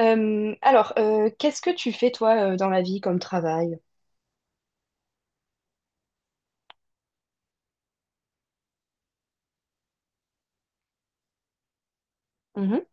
Qu'est-ce que tu fais toi dans la vie comme travail? Mhm.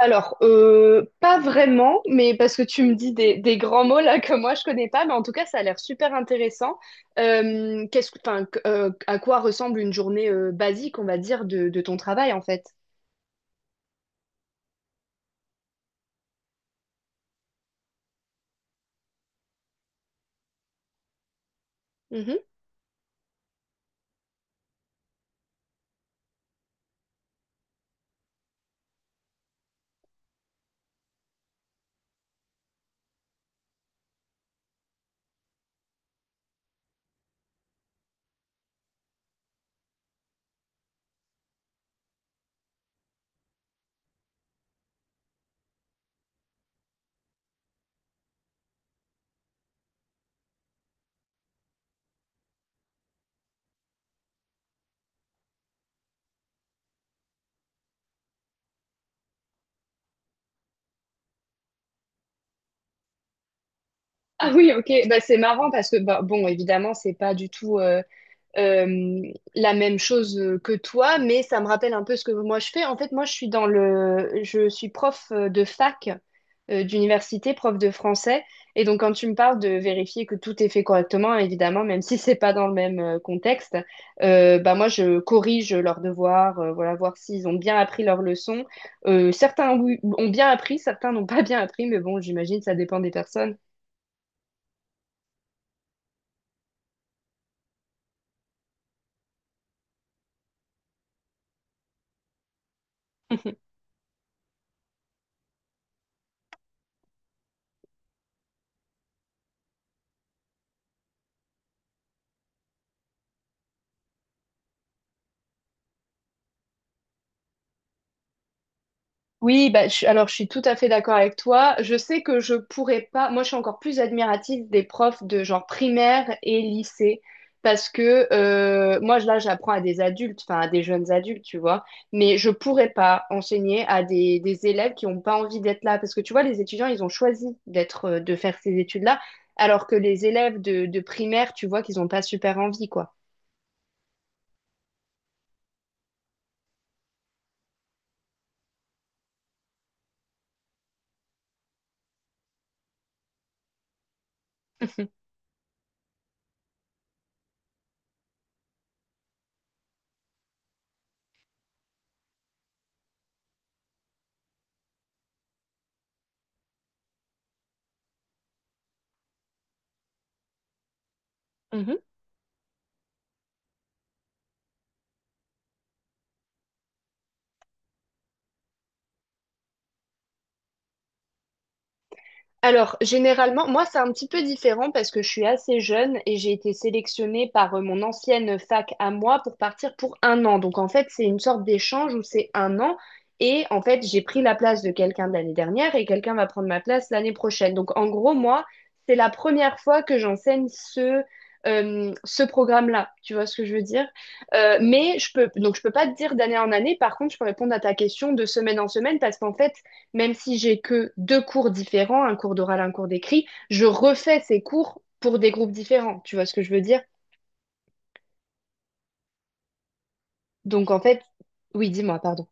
Pas vraiment, mais parce que tu me dis des grands mots là que moi je connais pas, mais en tout cas ça a l'air super intéressant. Qu'est-ce que, enfin, que- À quoi ressemble une journée basique, on va dire, de ton travail en fait? Mhm. Ah oui, ok. Bah, c'est marrant parce que bah, bon, évidemment, c'est pas du tout. Euh, la même chose que toi, mais ça me rappelle un peu ce que moi je fais. En fait, moi, je suis prof de fac d'université, prof de français. Et donc, quand tu me parles de vérifier que tout est fait correctement, évidemment, même si c'est pas dans le même contexte, bah moi, je corrige leurs devoirs, voilà, voir s'ils ont bien appris leurs leçons. Certains oui, ont bien appris, certains n'ont pas bien appris, mais bon, j'imagine ça dépend des personnes. Oui, bah, alors je suis tout à fait d'accord avec toi. Je sais que je pourrais pas. Moi, je suis encore plus admirative des profs de genre primaire et lycée parce que moi, là, j'apprends à des adultes, enfin à des jeunes adultes, tu vois. Mais je pourrais pas enseigner à des élèves qui ont pas envie d'être là parce que tu vois, les étudiants, ils ont choisi d'être, de faire ces études-là, alors que les élèves de primaire, tu vois, qu'ils ont pas super envie, quoi. Alors, généralement, moi, c'est un petit peu différent parce que je suis assez jeune et j'ai été sélectionnée par mon ancienne fac à moi pour partir pour un an. Donc, en fait, c'est une sorte d'échange où c'est un an et en fait, j'ai pris la place de quelqu'un de l'année dernière et quelqu'un va prendre ma place l'année prochaine. Donc, en gros, moi, c'est la première fois que j'enseigne ce programme-là. Tu vois ce que je veux dire? Mais je peux, donc, je peux pas te dire d'année en année. Par contre, je peux répondre à ta question de semaine en semaine parce qu'en fait, même si j'ai que deux cours différents, un cours d'oral, un cours d'écrit, je refais ces cours pour des groupes différents. Tu vois ce que je veux dire? Donc en fait, oui, dis-moi, pardon.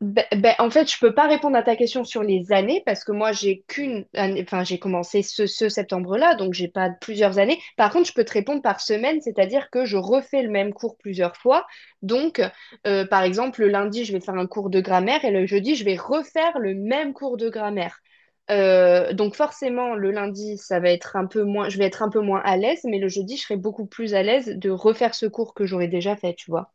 Ben, ben, en fait, je peux pas répondre à ta question sur les années parce que moi, j'ai qu'une année, enfin, j'ai commencé ce septembre-là, donc j'ai pas plusieurs années. Par contre, je peux te répondre par semaine, c'est-à-dire que je refais le même cours plusieurs fois. Donc, par exemple, le lundi, je vais faire un cours de grammaire et le jeudi, je vais refaire le même cours de grammaire. Donc forcément, le lundi, ça va être un peu moins, je vais être un peu moins à l'aise, mais le jeudi, je serai beaucoup plus à l'aise de refaire ce cours que j'aurais déjà fait, tu vois.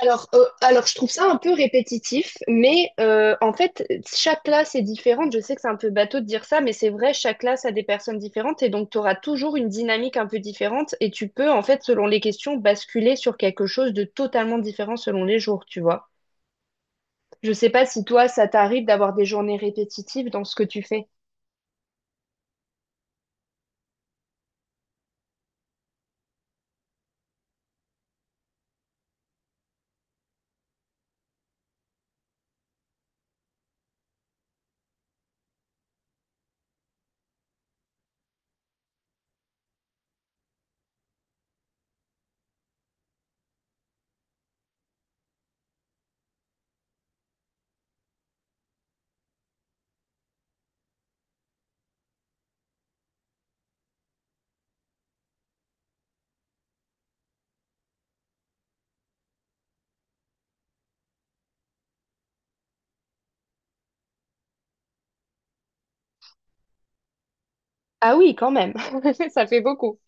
Alors, je trouve ça un peu répétitif, mais en fait, chaque classe est différente. Je sais que c'est un peu bateau de dire ça, mais c'est vrai, chaque classe a des personnes différentes et donc tu auras toujours une dynamique un peu différente et tu peux, en fait, selon les questions, basculer sur quelque chose de totalement différent selon les jours, tu vois. Je sais pas si toi, ça t'arrive d'avoir des journées répétitives dans ce que tu fais. Ah oui, quand même, ça fait beaucoup.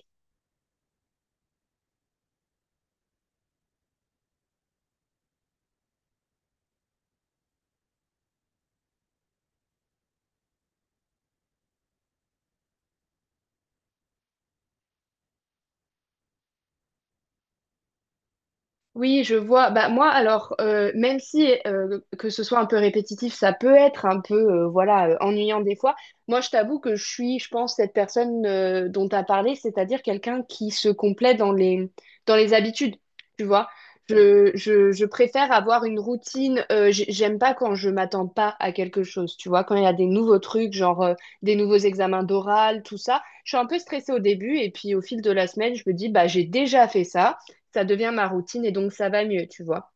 Oui, je vois. Bah moi, alors même si que ce soit un peu répétitif, ça peut être un peu voilà ennuyant des fois. Moi, je t'avoue que je suis, je pense, cette personne dont tu as parlé, c'est-à-dire quelqu'un qui se complaît dans les habitudes. Tu vois, je préfère avoir une routine. J'aime pas quand je m'attends pas à quelque chose. Tu vois, quand il y a des nouveaux trucs, genre des nouveaux examens d'oral, tout ça, je suis un peu stressée au début et puis au fil de la semaine, je me dis bah j'ai déjà fait ça, ça devient ma routine et donc ça va mieux, tu vois.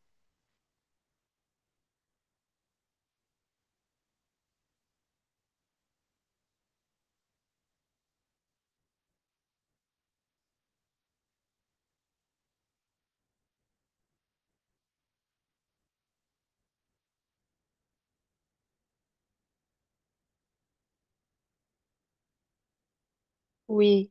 Oui.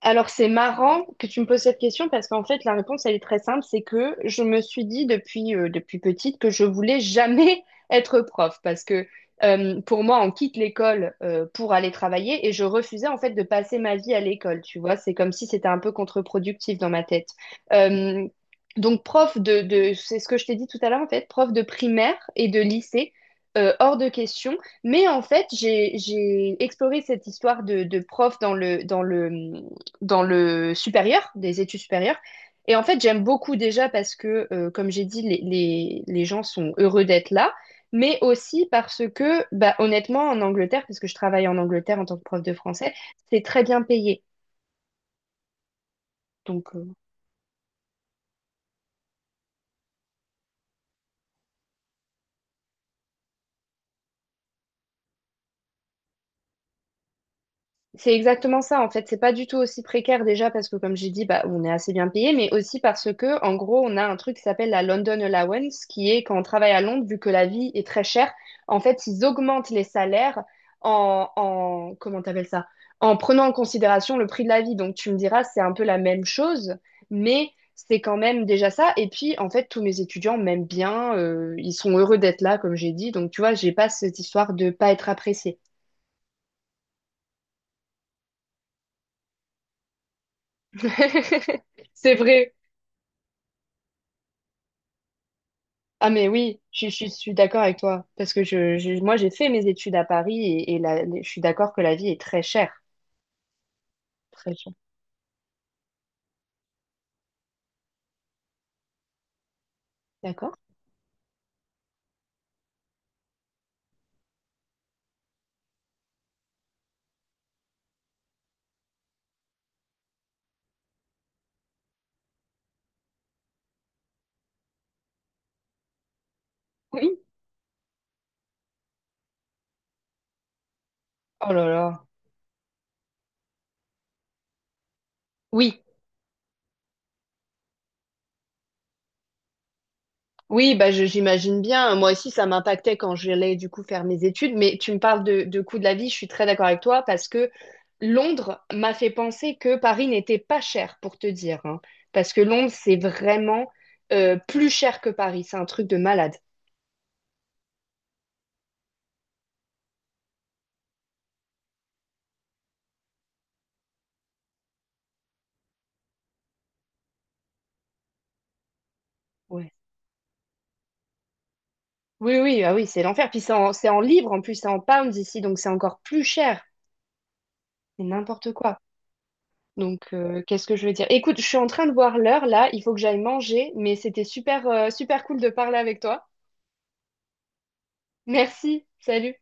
Alors, c'est marrant que tu me poses cette question parce qu'en fait, la réponse, elle est très simple. C'est que je me suis dit depuis petite que je voulais jamais être prof parce que pour moi, on quitte l'école pour aller travailler et je refusais en fait de passer ma vie à l'école. Tu vois, c'est comme si c'était un peu contre-productif dans ma tête. Euh, donc, c'est ce que je t'ai dit tout à l'heure en fait, prof de primaire et de lycée. Hors de question, mais en fait j'ai exploré cette histoire de prof dans le dans le supérieur, des études supérieures. Et en fait, j'aime beaucoup déjà parce que, comme j'ai dit, les gens sont heureux d'être là, mais aussi parce que, bah, honnêtement, en Angleterre, parce que je travaille en Angleterre en tant que prof de français, c'est très bien payé. Donc, euh. C'est exactement ça, en fait. C'est pas du tout aussi précaire déjà parce que, comme j'ai dit, bah, on est assez bien payé, mais aussi parce que, en gros, on a un truc qui s'appelle la London Allowance, qui est quand on travaille à Londres, vu que la vie est très chère, en fait, ils augmentent les salaires en comment t'appelles ça? En prenant en considération le prix de la vie. Donc, tu me diras, c'est un peu la même chose, mais c'est quand même déjà ça. Et puis, en fait, tous mes étudiants m'aiment bien, ils sont heureux d'être là, comme j'ai dit. Donc, tu vois, j'ai pas cette histoire de pas être appréciée. C'est vrai. Ah mais oui, je suis d'accord avec toi parce que moi j'ai fait mes études à Paris et je suis d'accord que la vie est très chère, très chère. D'accord? Oui. Oh là là. Oui, oui, bah j'imagine bien. Moi aussi ça m'impactait quand j'allais du coup faire mes études, mais tu me parles de coût de la vie, je suis très d'accord avec toi parce que Londres m'a fait penser que Paris n'était pas cher pour te dire, hein. Parce que Londres c'est vraiment plus cher que Paris, c'est un truc de malade. Ouais. Oui, oui, ah oui, c'est l'enfer. Puis c'est en livres, en plus, c'est en pounds ici, donc c'est encore plus cher. C'est n'importe quoi. Donc, qu'est-ce que je veux dire? Écoute, je suis en train de voir l'heure là, il faut que j'aille manger, mais c'était super, super cool de parler avec toi. Merci, salut.